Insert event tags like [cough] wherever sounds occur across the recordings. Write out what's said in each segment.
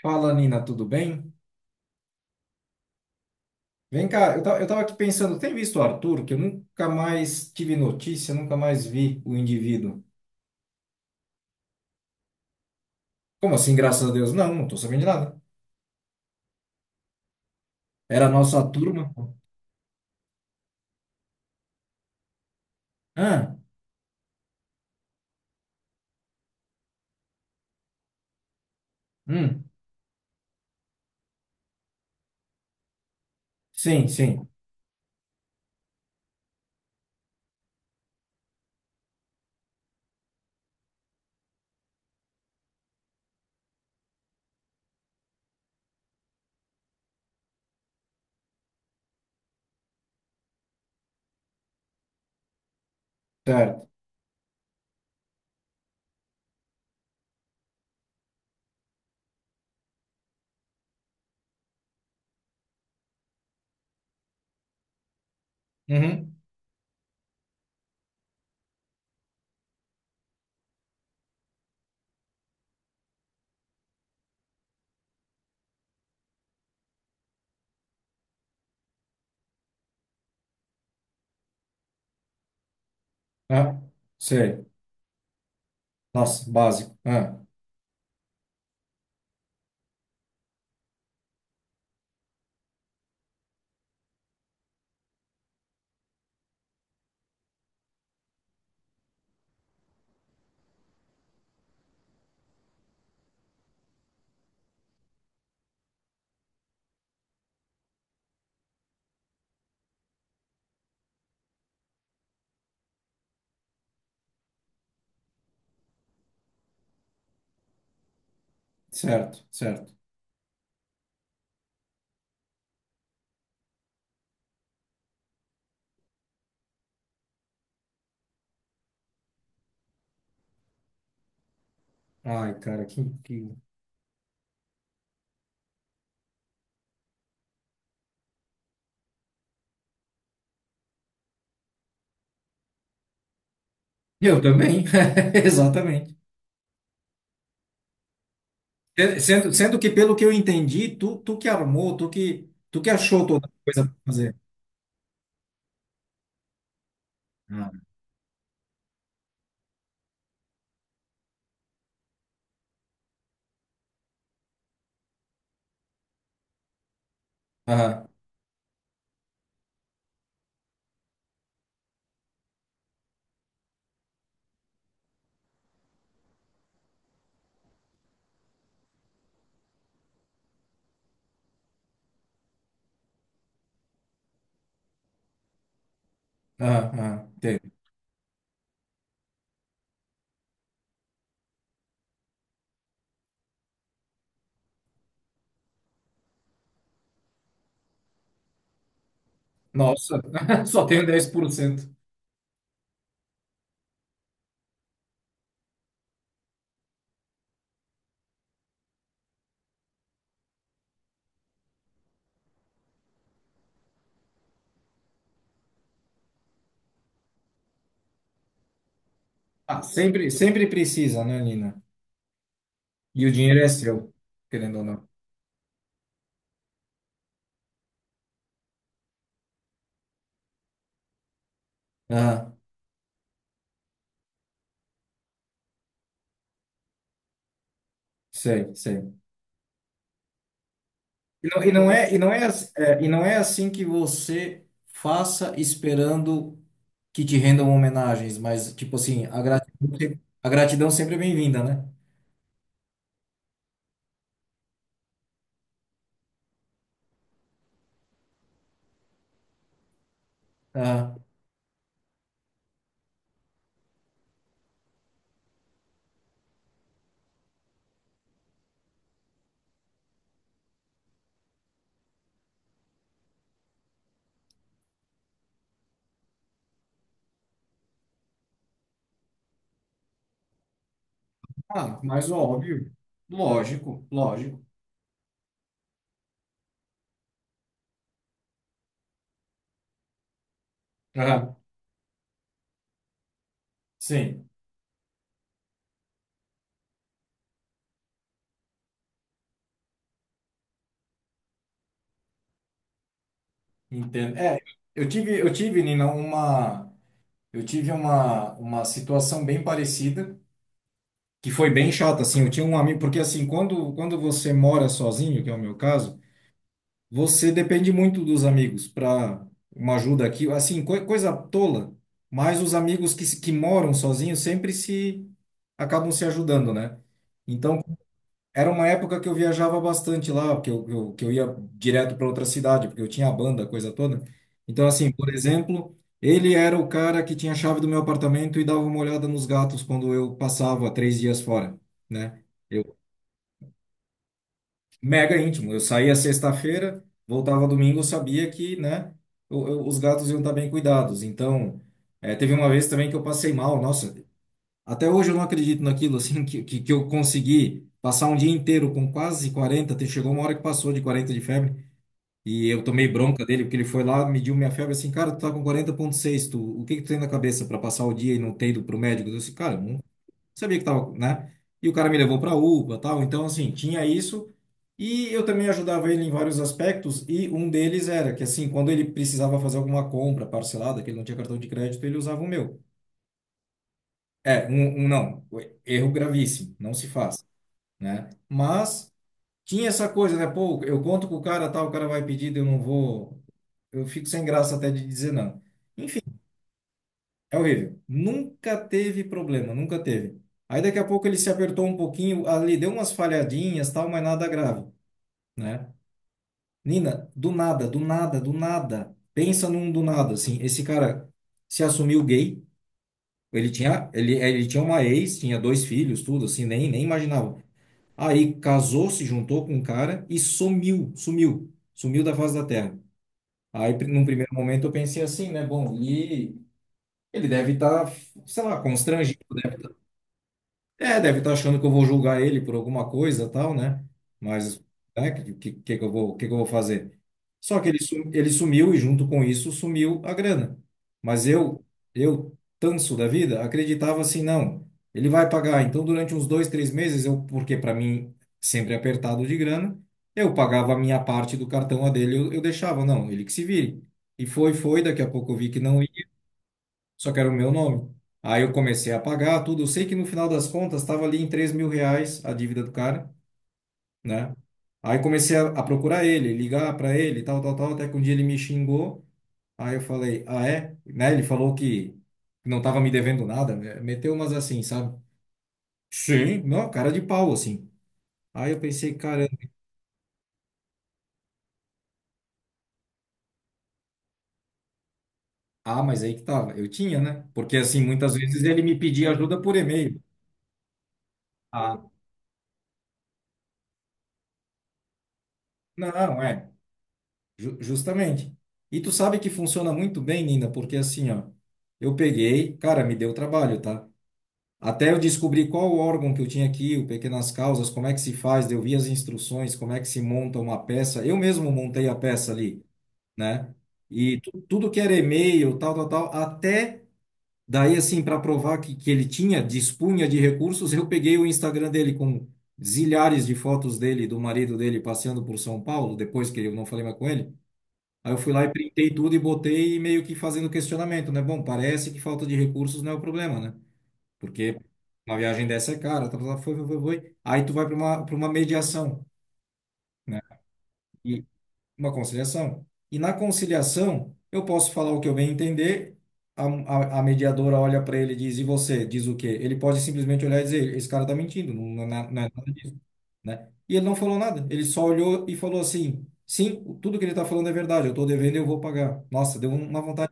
Fala, Nina, tudo bem? Vem cá, eu tava aqui pensando, tem visto o Arthur, que eu nunca mais tive notícia, nunca mais vi o indivíduo. Como assim, graças a Deus? Não, não tô sabendo de nada. Era a nossa turma. Ah, hum, sim, sim, certo. Uhum, ah, sei. Nossa, básico. Ah, certo, certo. Ai, cara, que... Eu também, [laughs] exatamente. Sendo que, pelo que eu entendi, tu que armou, tu que achou toda a coisa pra fazer. Ah. Aham. Ah, ah, tem. Nossa, [laughs] só tenho 10%. Ah, sempre, sempre precisa, né, Nina? E o dinheiro é seu, querendo ou não. Ah, sei, sei. E não, e não é assim que você faça esperando que te rendam homenagens, mas, tipo assim, a gratidão, a gratidão sempre é bem-vinda, né? Ah, ah, mas óbvio. Lógico, lógico. Ah, sim, entendo. É, eu tive, Nina, uma. Eu tive uma situação bem parecida, que foi bem chata, assim. Eu tinha um amigo, porque assim, quando você mora sozinho, que é o meu caso, você depende muito dos amigos para uma ajuda aqui, assim, coisa tola, mas os amigos que moram sozinhos sempre se acabam se ajudando, né? Então, era uma época que eu viajava bastante lá, que eu ia direto para outra cidade, porque eu tinha a banda, a coisa toda. Então, assim, por exemplo, ele era o cara que tinha a chave do meu apartamento e dava uma olhada nos gatos quando eu passava 3 dias fora, né? Eu, mega íntimo. Eu saía sexta-feira, voltava domingo, eu sabia que, né, os gatos iam estar bem cuidados. Então, teve uma vez também que eu passei mal. Nossa, até hoje eu não acredito naquilo, assim, que eu consegui passar um dia inteiro com quase 40 até chegou uma hora que passou de 40 de febre, e eu tomei bronca dele, porque ele foi lá, mediu minha febre, assim, cara, tu tá com 40,6, tu, o que que tu tem na cabeça para passar o dia e não ter ido pro médico? Eu disse, cara, eu não sabia que tava, né? E o cara me levou pra UPA, tal, então, assim, tinha isso, e eu também ajudava ele em vários aspectos, e um deles era que, assim, quando ele precisava fazer alguma compra parcelada, que ele não tinha cartão de crédito, ele usava o meu. É, um não, erro gravíssimo, não se faz, né? Mas tinha essa coisa, né? Pô, eu conto com o cara, tal, o cara vai pedir, eu não vou. Eu fico sem graça até de dizer não. Enfim, é horrível. Nunca teve problema, nunca teve. Aí daqui a pouco ele se apertou um pouquinho, ali deu umas falhadinhas, tal, mas nada grave, né? Nina, do nada, do nada, do nada. Pensa num do nada, assim. Esse cara se assumiu gay. Ele tinha uma ex, tinha dois filhos, tudo assim, nem imaginava. Aí casou, se juntou com um cara e sumiu, sumiu, sumiu da face da terra. Aí, num primeiro momento, eu pensei assim, né? Bom, e ele deve estar, sei lá, constrangido, né? É, deve estar achando que eu vou julgar ele por alguma coisa, tal, né? Mas que eu vou fazer? Só que ele sumiu e junto com isso sumiu a grana. Mas eu, tanso da vida, acreditava assim, não, ele vai pagar. Então, durante uns dois, três meses, eu, porque para mim sempre é apertado de grana, eu pagava a minha parte do cartão a dele, eu deixava, não, ele que se vire. E foi, daqui a pouco eu vi que não só que era o meu nome. Aí eu comecei a pagar tudo. Eu sei que no final das contas estava ali em 3 mil reais a dívida do cara, né? Aí comecei a procurar ele, ligar para ele, tal, tal, tal, até que um dia ele me xingou. Aí eu falei, ah, é? Né? Ele falou que não estava me devendo nada, né? Meteu umas assim, sabe? Sim. Não, cara de pau, assim. Aí eu pensei, cara, ah, mas aí que tava. Eu tinha, né? Porque assim, muitas vezes ele me pedia ajuda por e-mail. Ah, não, é. Justamente. E tu sabe que funciona muito bem, Nina, porque assim, ó, eu peguei, cara, me deu trabalho, tá? Até eu descobri qual o órgão que eu tinha aqui, o Pequenas Causas, como é que se faz, eu vi as instruções, como é que se monta uma peça. Eu mesmo montei a peça ali, né? E tudo que era e-mail, tal, tal, tal, até daí, assim, para provar que ele tinha, dispunha de recursos, eu peguei o Instagram dele com zilhares de fotos dele, e do marido dele passeando por São Paulo, depois que eu não falei mais com ele. Aí eu fui lá e printei tudo e botei e meio que fazendo questionamento, né? Bom, parece que falta de recursos não é o problema, né? Porque uma viagem dessa é cara, tá, tá, tá, foi, foi, foi, foi. Aí tu vai para uma mediação, né? E uma conciliação. E na conciliação, eu posso falar o que eu bem entender, a mediadora olha para ele e diz, e você? Diz o quê? Ele pode simplesmente olhar e dizer, esse cara tá mentindo, não, não, é não é nada disso, né? E ele não falou nada, ele só olhou e falou assim... Sim, tudo que ele está falando é verdade. Eu estou devendo e eu vou pagar. Nossa,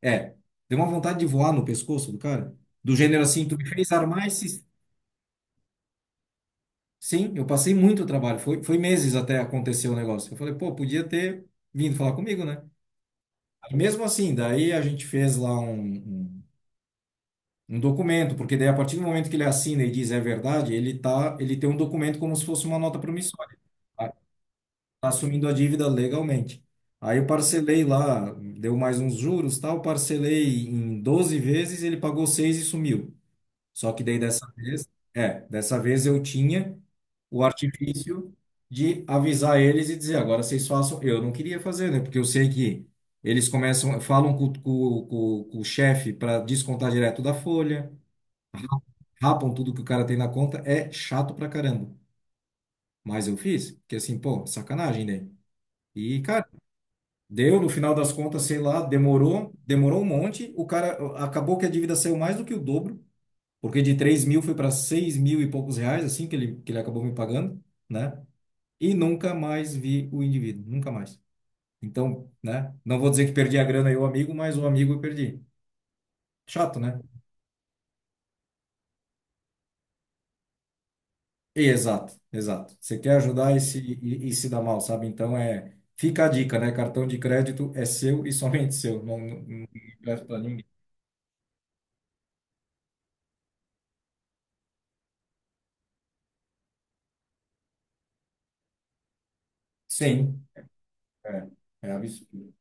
é, deu uma vontade de voar no pescoço do cara. Do gênero assim, tu me fez armar esse. Sim, eu passei muito trabalho. Foi meses até acontecer o negócio. Eu falei, pô, podia ter vindo falar comigo, né? Aí, mesmo assim, daí a gente fez lá um, um documento, porque daí a partir do momento que ele assina e diz é verdade, ele tem um documento como se fosse uma nota promissória. Tá tá assumindo a dívida legalmente. Aí eu parcelei lá, deu mais uns juros, tal, parcelei em 12 vezes, ele pagou 6 e sumiu. Só que daí dessa vez eu tinha o artifício de avisar eles e dizer, agora vocês façam. Eu não queria fazer, né? Porque eu sei que eles começam, falam com o chefe para descontar direto da folha, rapam tudo que o cara tem na conta, é chato pra caramba. Mas eu fiz, porque assim, pô, sacanagem, né? E, cara, deu no final das contas, sei lá, demorou, demorou um monte, o cara acabou que a dívida saiu mais do que o dobro. Porque de 3 mil foi para 6 mil e poucos reais, assim, que ele acabou me pagando, né? E nunca mais vi o indivíduo, nunca mais. Então, né? Não vou dizer que perdi a grana e o amigo, mas o amigo eu perdi. Chato, né? Exato, exato. Você quer ajudar e se dá mal, sabe? Então, fica a dica, né? Cartão de crédito é seu e somente seu. Não, não, não empresta pra ninguém. Sim, é. É absurdo.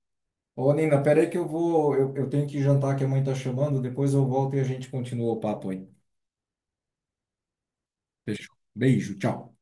Ô, Nina, peraí que eu vou... Eu tenho que jantar que a mãe tá chamando. Depois eu volto e a gente continua o papo aí. Fechou. Beijo, tchau.